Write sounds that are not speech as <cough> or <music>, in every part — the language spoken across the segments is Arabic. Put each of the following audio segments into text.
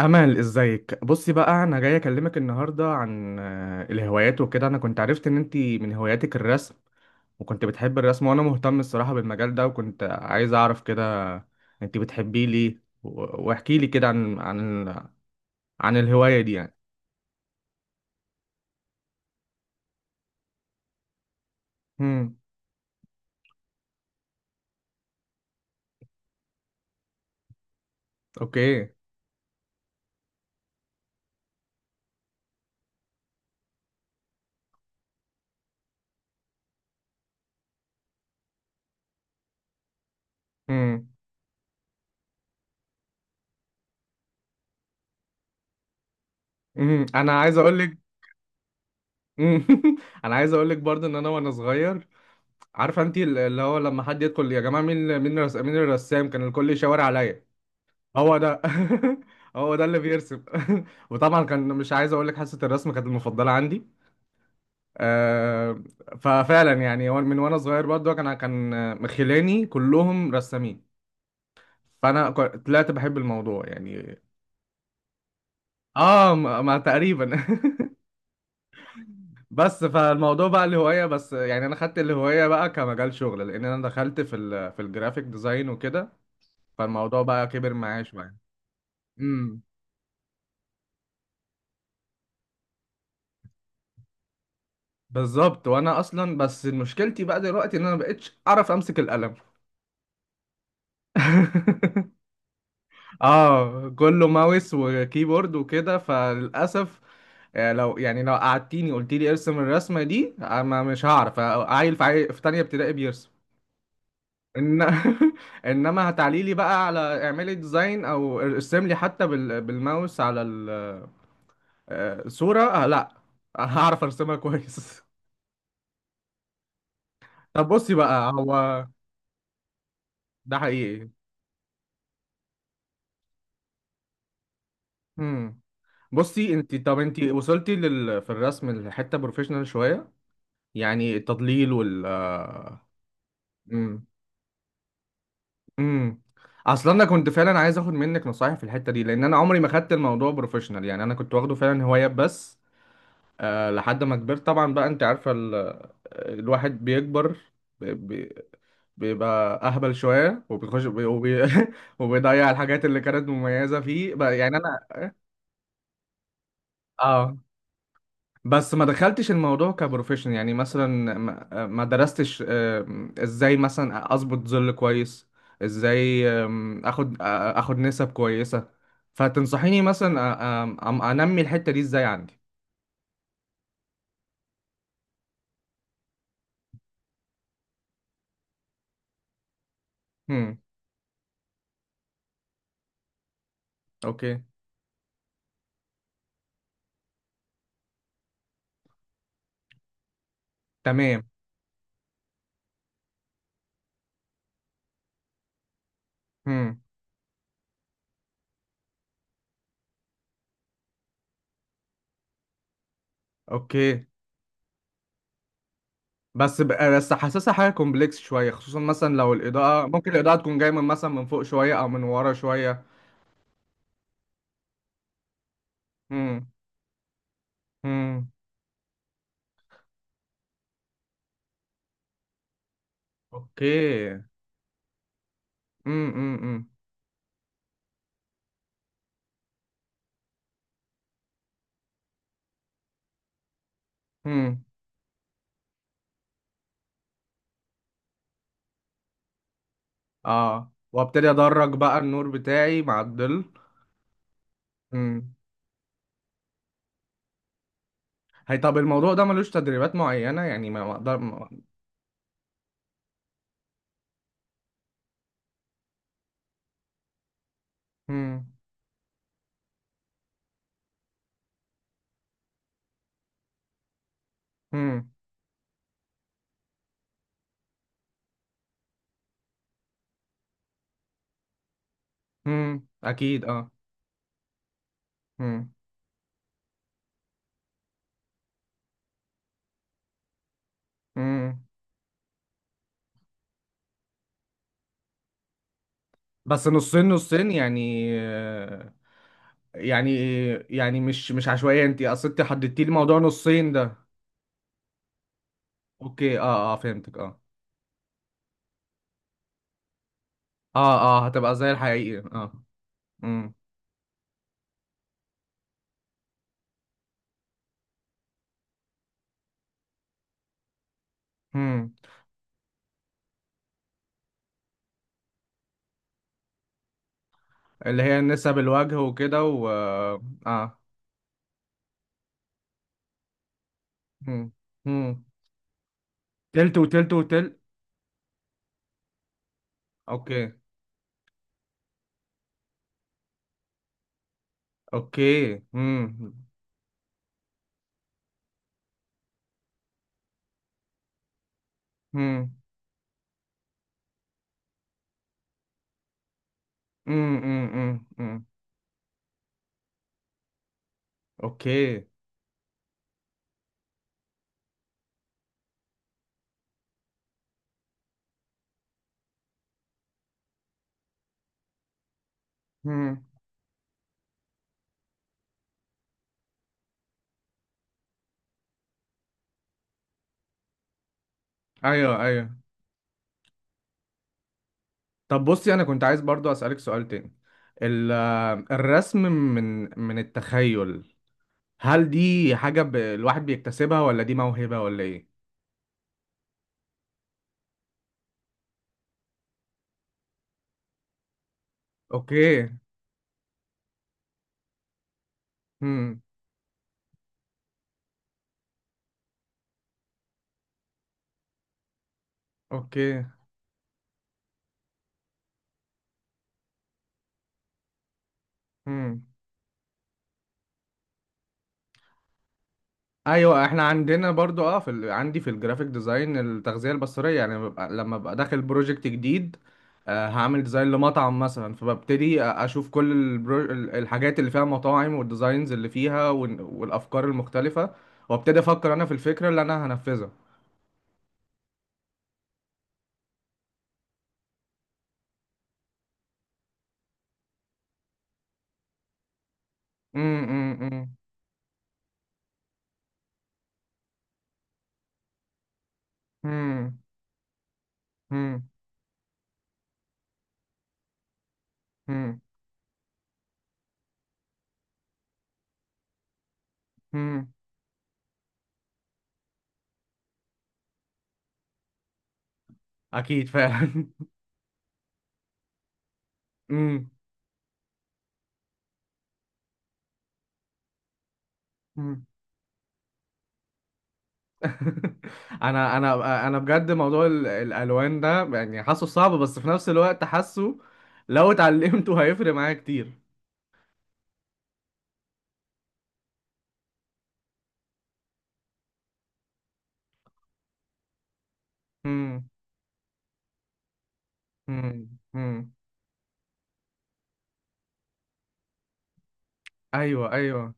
أمل، ازيك؟ بصي بقى، أنا جاي أكلمك النهاردة عن الهوايات وكده. أنا كنت عرفت إن أنتي من هواياتك الرسم، وكنت بتحب الرسم، وأنا مهتم الصراحة بالمجال ده، وكنت عايز أعرف كده أنتي بتحبيه ليه. واحكي لي كده عن عن الهواية دي يعني. امم. أوكي. امم. امم. أنا عايز أقول لك. <laughs> أنا عايز أقول لك برضه إن أنا وأنا صغير، عارفة أنتي، اللي هو لما حد يدخل يا جماعة، مين مين الرسام؟ كان الكل يشاور عليا. هو ده. <laughs> هو ده اللي بيرسم. <laughs> وطبعا كان، مش عايز اقول لك، حصه الرسم كانت المفضله عندي. آه، ففعلا يعني، هو من وانا صغير برضه كان مخلاني كلهم رسامين. فانا طلعت بحب الموضوع يعني. اه، ما تقريبا. <laughs> بس فالموضوع بقى الهوايه، بس يعني انا خدت الهوايه بقى كمجال شغل، لان انا دخلت في الجرافيك ديزاين وكده. فالموضوع بقى كبر معايا شويه. امم. بالظبط. وانا اصلا بس مشكلتي بقى دلوقتي ان انا مبقتش اعرف امسك القلم. <laughs> اه، كله ماوس وكيبورد وكده، فللاسف. لو يعني، لو قعدتيني قلت لي ارسم الرسمه دي، ما مش هعرف. عيل في في تانية ابتدائي بيرسم. إن... <laughs> انما هتعلي لي بقى على اعملي ديزاين، او ارسم لي حتى بالماوس على الصوره، آه لا. <laughs> هعرف ارسمها كويس. <laughs> طب بصي بقى، هو ده حقيقي. مم. بصي انت، طب انت وصلتي في الرسم لحته بروفيشنال شويه، يعني التضليل وال... امم. امم. اصلا انا كنت فعلا عايز اخد منك نصايح في الحته دي، لان انا عمري ما خدت الموضوع بروفيشنال، يعني انا كنت واخده فعلا هوايه بس. أه، لحد ما كبرت طبعا بقى. انت عارفه الواحد بيكبر، ب... ب... بيبقى اهبل شويه وبيخش <laughs> وبيضيع الحاجات اللي كانت مميزه فيه بقى، يعني انا. اه، بس ما دخلتش الموضوع كبروفيشن، يعني مثلا ما درستش، ازاي مثلا اظبط ظل كويس، ازاي اخد اخد نسب كويسة. فتنصحيني مثلا انمي الحتة دي ازاي عندي؟ هم. اوكي. تمام. هم. اوكي. بس حاسسها حاجة كومبلكس شوية، خصوصا مثلا لو الإضاءة، ممكن الإضاءة تكون جاية من، مثلا، من فوق شوية او من ورا شوية. هم. هم. اوكي. هم. هم. هم. اه، وابتدي ادرج بقى النور بتاعي مع الظل. امم. هي طب الموضوع ده ملوش تدريبات معينة؟ يعني ما اقدر ما... امم. امم. امم. اكيد، اه. امم. امم. بس نصين نصين يعني، يعني يعني مش عشوائية. انت اصل انت حددتي لي موضوع نصين ده. اوكي، اه، اه، فهمتك، اه. اه، اه، هتبقى زي الحقيقي، اه. امم. امم. اللي هي نسب الوجه وكده، و... اه. امم. امم. تلت وتلت وتلت. اوكي. اوكي. امم. امم. امم. امم. امم. اوكي. امم. ايوه، ايوه. طب بصي، انا كنت عايز برضو اسالك سؤال تاني. الرسم من التخيل، هل دي حاجه الواحد بيكتسبها، ولا دي موهبه، ولا ايه؟ اوكي. امم. اوكي. امم. ايوه، احنا عندنا برضو اه عندي في الجرافيك ديزاين التغذيه البصريه. يعني لما ببقى داخل بروجكت جديد، هعمل ديزاين لمطعم مثلا، فببتدي اشوف كل الحاجات اللي فيها مطاعم، والديزاينز اللي فيها، والافكار المختلفه، وابتدي افكر انا في الفكره اللي انا هنفذها. مم. مم. مم. مم. مم. مم. مم. اكيد، فعلا. <laughs> مم. مم. <laughs> انا بجد موضوع الالوان ده يعني حاسه صعب، بس في نفس الوقت حاسه لو اتعلمته هيفرق معايا كتير. امم. امم. امم. ايوه، ايوه.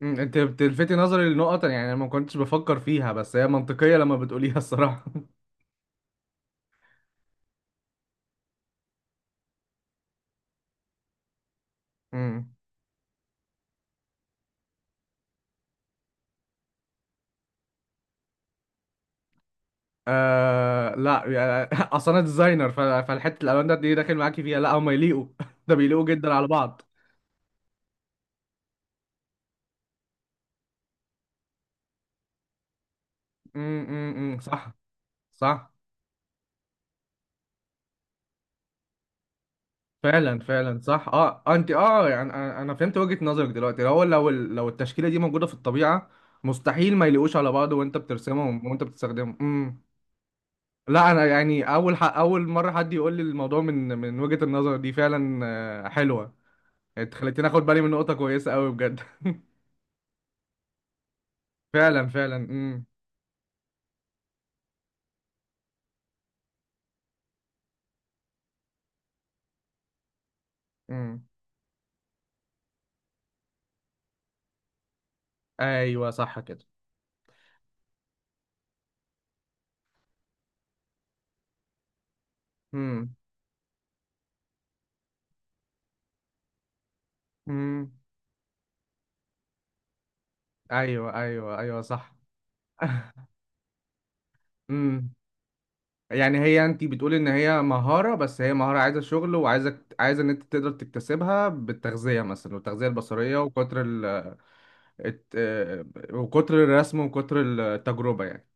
مم. انت بتلفتي نظري لنقط يعني انا ما كنتش بفكر فيها، بس هي منطقيه لما بتقوليها الصراحه. <laughs> امم. آه لا، يعني، <laughs> اصل انا ديزاينر، فالحته الالوان ده، دي داخل معاكي فيها. لا، هم يليقوا. <laughs> ده بيليقوا جدا على بعض. امم. امم. صح. صح. فعلا، فعلا، صح. اه. انت، اه، يعني أنا فهمت وجهة نظرك دلوقتي. لو، لو لو التشكيلة دي موجودة في الطبيعة، مستحيل ما يلاقوش على بعض، وانت بترسمهم وانت بتستخدمهم. امم. لا، انا يعني، اول اول مرة حد يقول لي الموضوع من وجهة النظر دي فعلا. حلوة. انت خليتني اخد بالي من نقطة كويسة قوي، بجد. <laughs> فعلا، فعلا. امم. امم. ايوه، صح كده. امم. امم. ايوه، ايوه، ايوه، صح. <laughs> امم. يعني هي، انت بتقولي ان هي مهارة، بس هي مهارة عايزة شغل، وعايزة ان انت تقدر تكتسبها بالتغذية مثلا، والتغذية البصرية، وكتر ال الت- آه، وكتر الرسم، وكتر التجربة يعني.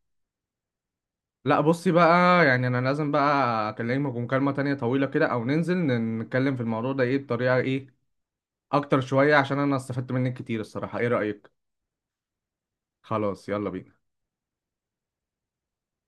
لا بصي بقى، يعني انا لازم بقى اكلمك مكالمة تانية طويلة كده، او ننزل نتكلم في الموضوع ده، ايه، بطريقة ايه اكتر شوية، عشان انا استفدت منك كتير الصراحة. ايه رأيك؟ خلاص، يلا بينا.